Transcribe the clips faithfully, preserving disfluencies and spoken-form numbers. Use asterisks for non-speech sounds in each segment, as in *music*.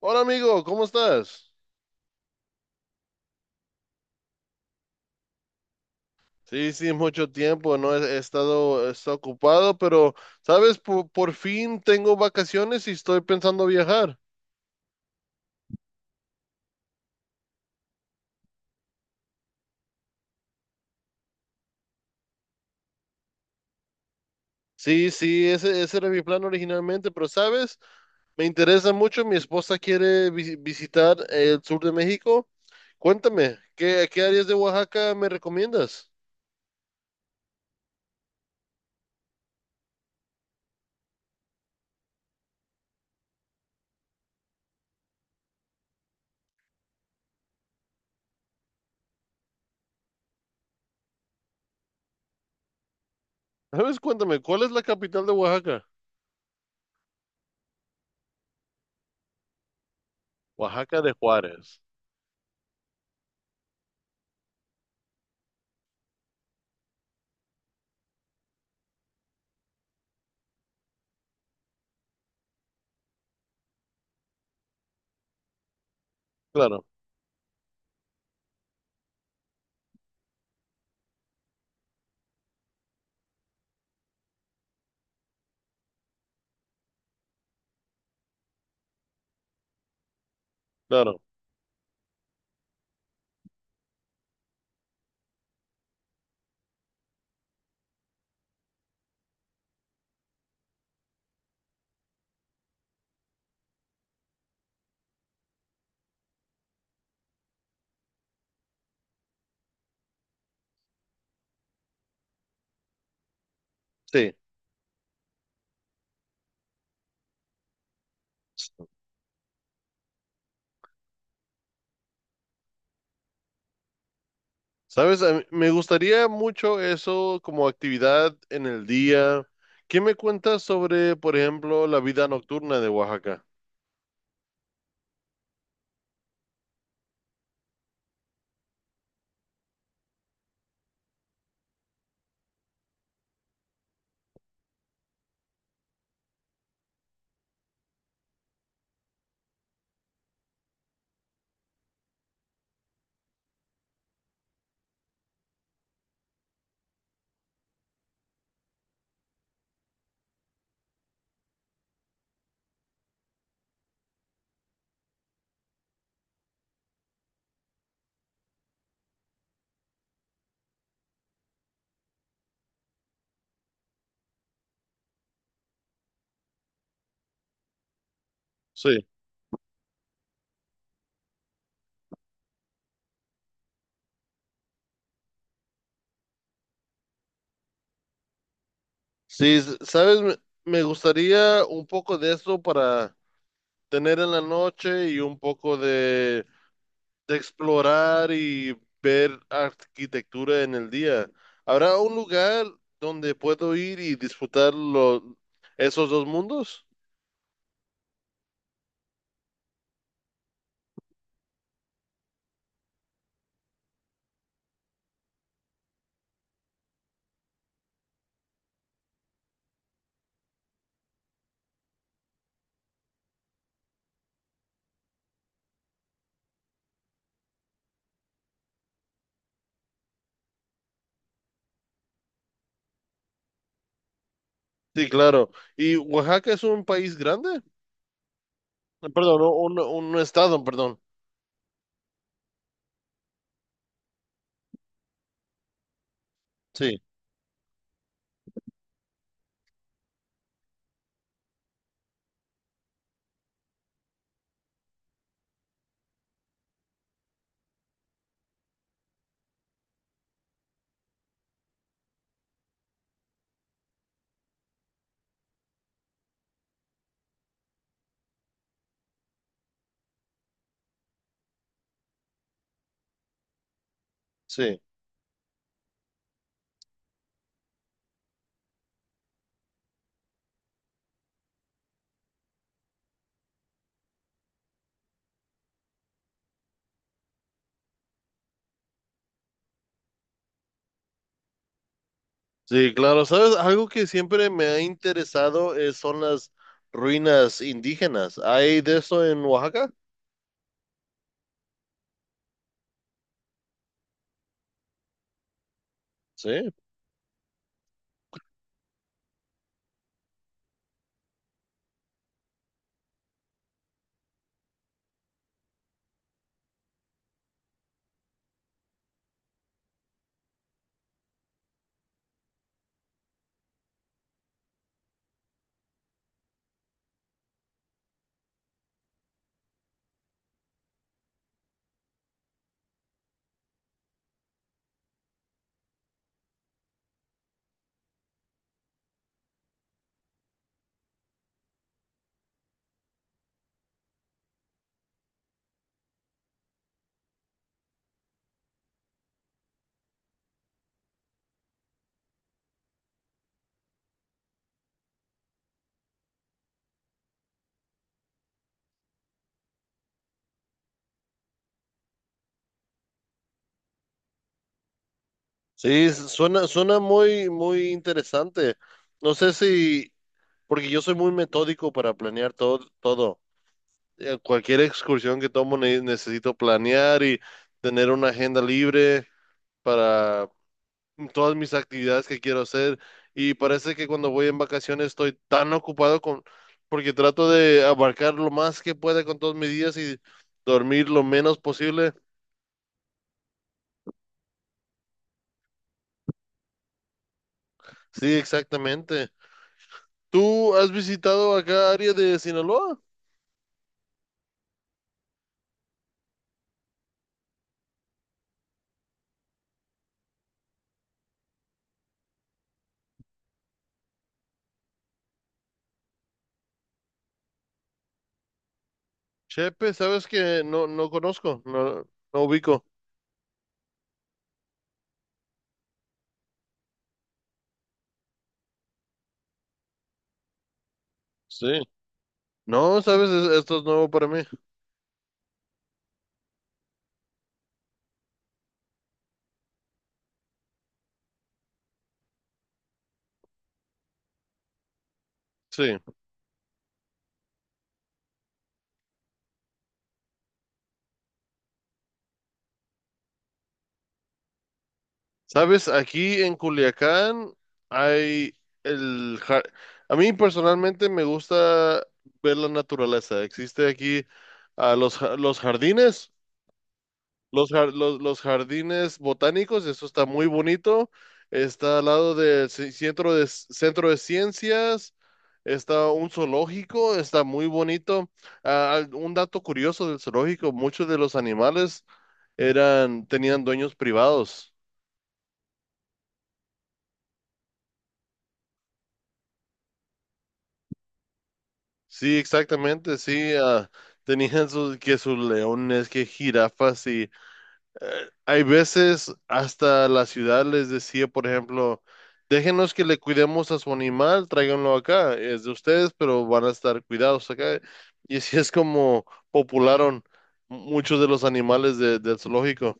Hola amigo, ¿cómo estás? Sí, sí, mucho tiempo, no he, he estado, he estado ocupado, pero sabes, por, por fin tengo vacaciones y estoy pensando viajar. Sí, sí, ese, ese era mi plan originalmente, pero sabes, me interesa mucho, mi esposa quiere vi- visitar el sur de México. Cuéntame, ¿qué, qué áreas de Oaxaca me recomiendas? Sabes, cuéntame, ¿cuál es la capital de Oaxaca? Oaxaca de Juárez. Claro, claro, sí. ¿Sabes? A mí- me gustaría mucho eso como actividad en el día. ¿Qué me cuentas sobre, por ejemplo, la vida nocturna de Oaxaca? Sí. Sí, s- ¿sabes? Me me gustaría un poco de eso para tener en la noche y un poco de, de explorar y ver arquitectura en el día. ¿Habrá un lugar donde puedo ir y disfrutar lo- esos dos mundos? Sí, claro. ¿Y Oaxaca es un país grande? Perdón, un, un un estado, perdón. Sí, sí, sí, claro. ¿Sabes? Algo que siempre me ha interesado es, son las ruinas indígenas. ¿Hay de eso en Oaxaca? Sí, sí, suena, suena muy, muy interesante. No sé si, porque yo soy muy metódico para planear todo, todo. Eh, Cualquier excursión que tomo ne- necesito planear y tener una agenda libre para todas mis actividades que quiero hacer, y parece que cuando voy en vacaciones estoy tan ocupado con, porque trato de abarcar lo más que pueda con todos mis días y dormir lo menos posible. Sí, exactamente. ¿Tú has visitado acá área de Sinaloa? Chepe, sabes que no, no conozco, no, no ubico. Sí. No, sabes, Es- esto es nuevo para mí. Sí. Sabes, aquí en Culiacán hay el... ja- a mí personalmente me gusta ver la naturaleza. Existe aquí ah, los, ja- los jardines, los, jar- los, los jardines botánicos, eso está muy bonito. Está al lado del ci- centro de, centro de ciencias, está un zoológico, está muy bonito. Ah, al- un dato curioso del zoológico: muchos de los animales eran, tenían dueños privados. Sí, exactamente, sí. Ah, tenían sus, que sus leones, que jirafas y eh, hay veces hasta la ciudad les decía, por ejemplo, déjenos que le cuidemos a su animal, tráiganlo acá, es de ustedes, pero van a estar cuidados acá. Y así es como popularon muchos de los animales de- del zoológico.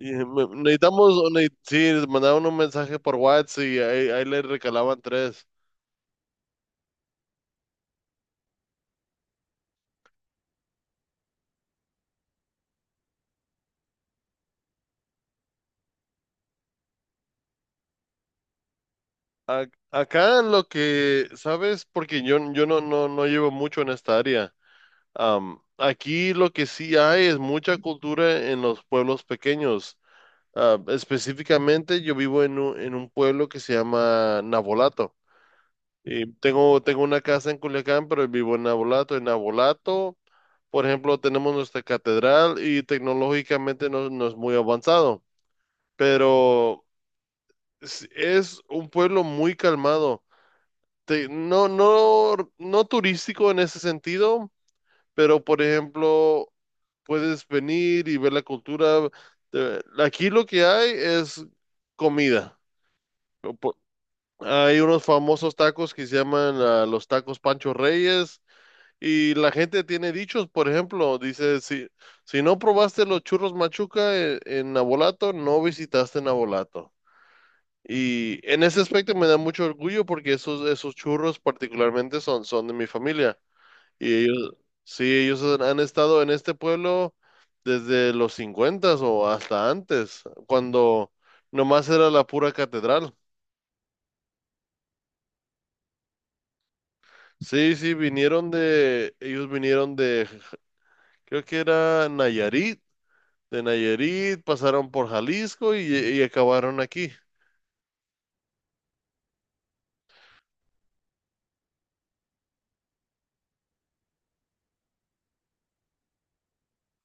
Y me- necesitamos, ne- sí, les mandaban un mensaje por WhatsApp y ahí, ahí le recalaban tres. Ac- acá lo que, ¿sabes? Porque yo, yo no, no, no llevo mucho en esta área. Am, aquí lo que sí hay es mucha cultura en los pueblos pequeños. Ah, específicamente yo vivo en un, en un pueblo que se llama Navolato. Y tengo, tengo una casa en Culiacán, pero vivo en Navolato. En Navolato, por ejemplo, tenemos nuestra catedral y tecnológicamente no, no es muy avanzado, pero es es un pueblo muy calmado. Te- no, no, no turístico en ese sentido, pero por ejemplo, puedes venir y ver la cultura. Te- Aquí lo que hay es comida. Po- Hay unos famosos tacos que se llaman ah, los tacos Pancho Reyes, y la gente tiene dichos, por ejemplo, dice, si, si no probaste los churros Machuca en, en Nabolato, no visitaste Nabolato. Y en ese aspecto me da mucho orgullo porque esos, esos churros particularmente son, son de mi familia. Y ellos, sí, ellos han han estado en este pueblo desde los cincuentas o hasta antes, cuando nomás era la pura catedral. Sí, sí, vinieron de, ellos vinieron de, creo que era Nayarit, de Nayarit, pasaron por Jalisco y, y acabaron aquí.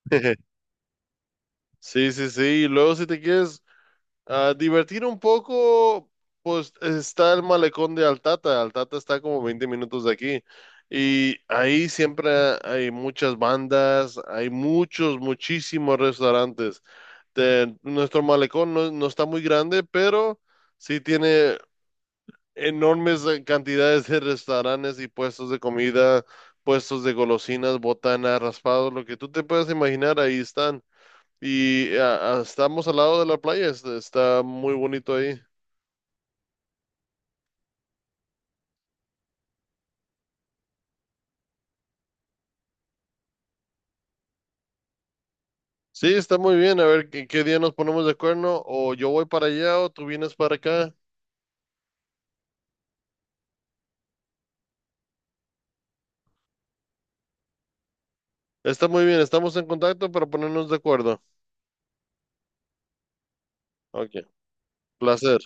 *laughs* Sí, sí, sí, y luego si te quieres, ah, divertir un poco, pues está el malecón de Altata. Altata está como veinte minutos de aquí. Y ahí siempre hay muchas bandas, hay muchos, muchísimos restaurantes. Te- nuestro malecón no, no está muy grande, pero sí tiene enormes eh, cantidades de restaurantes y puestos de comida, puestos de golosinas, botanas, raspados, lo que tú te puedas imaginar, ahí están. Y ah, ah, estamos al lado de la playa, es- está muy bonito ahí. Sí, está muy bien. A ver qué, qué día nos ponemos de acuerdo. O yo voy para allá o tú vienes para acá. Está muy bien, estamos en contacto para ponernos de acuerdo. Ok, placer.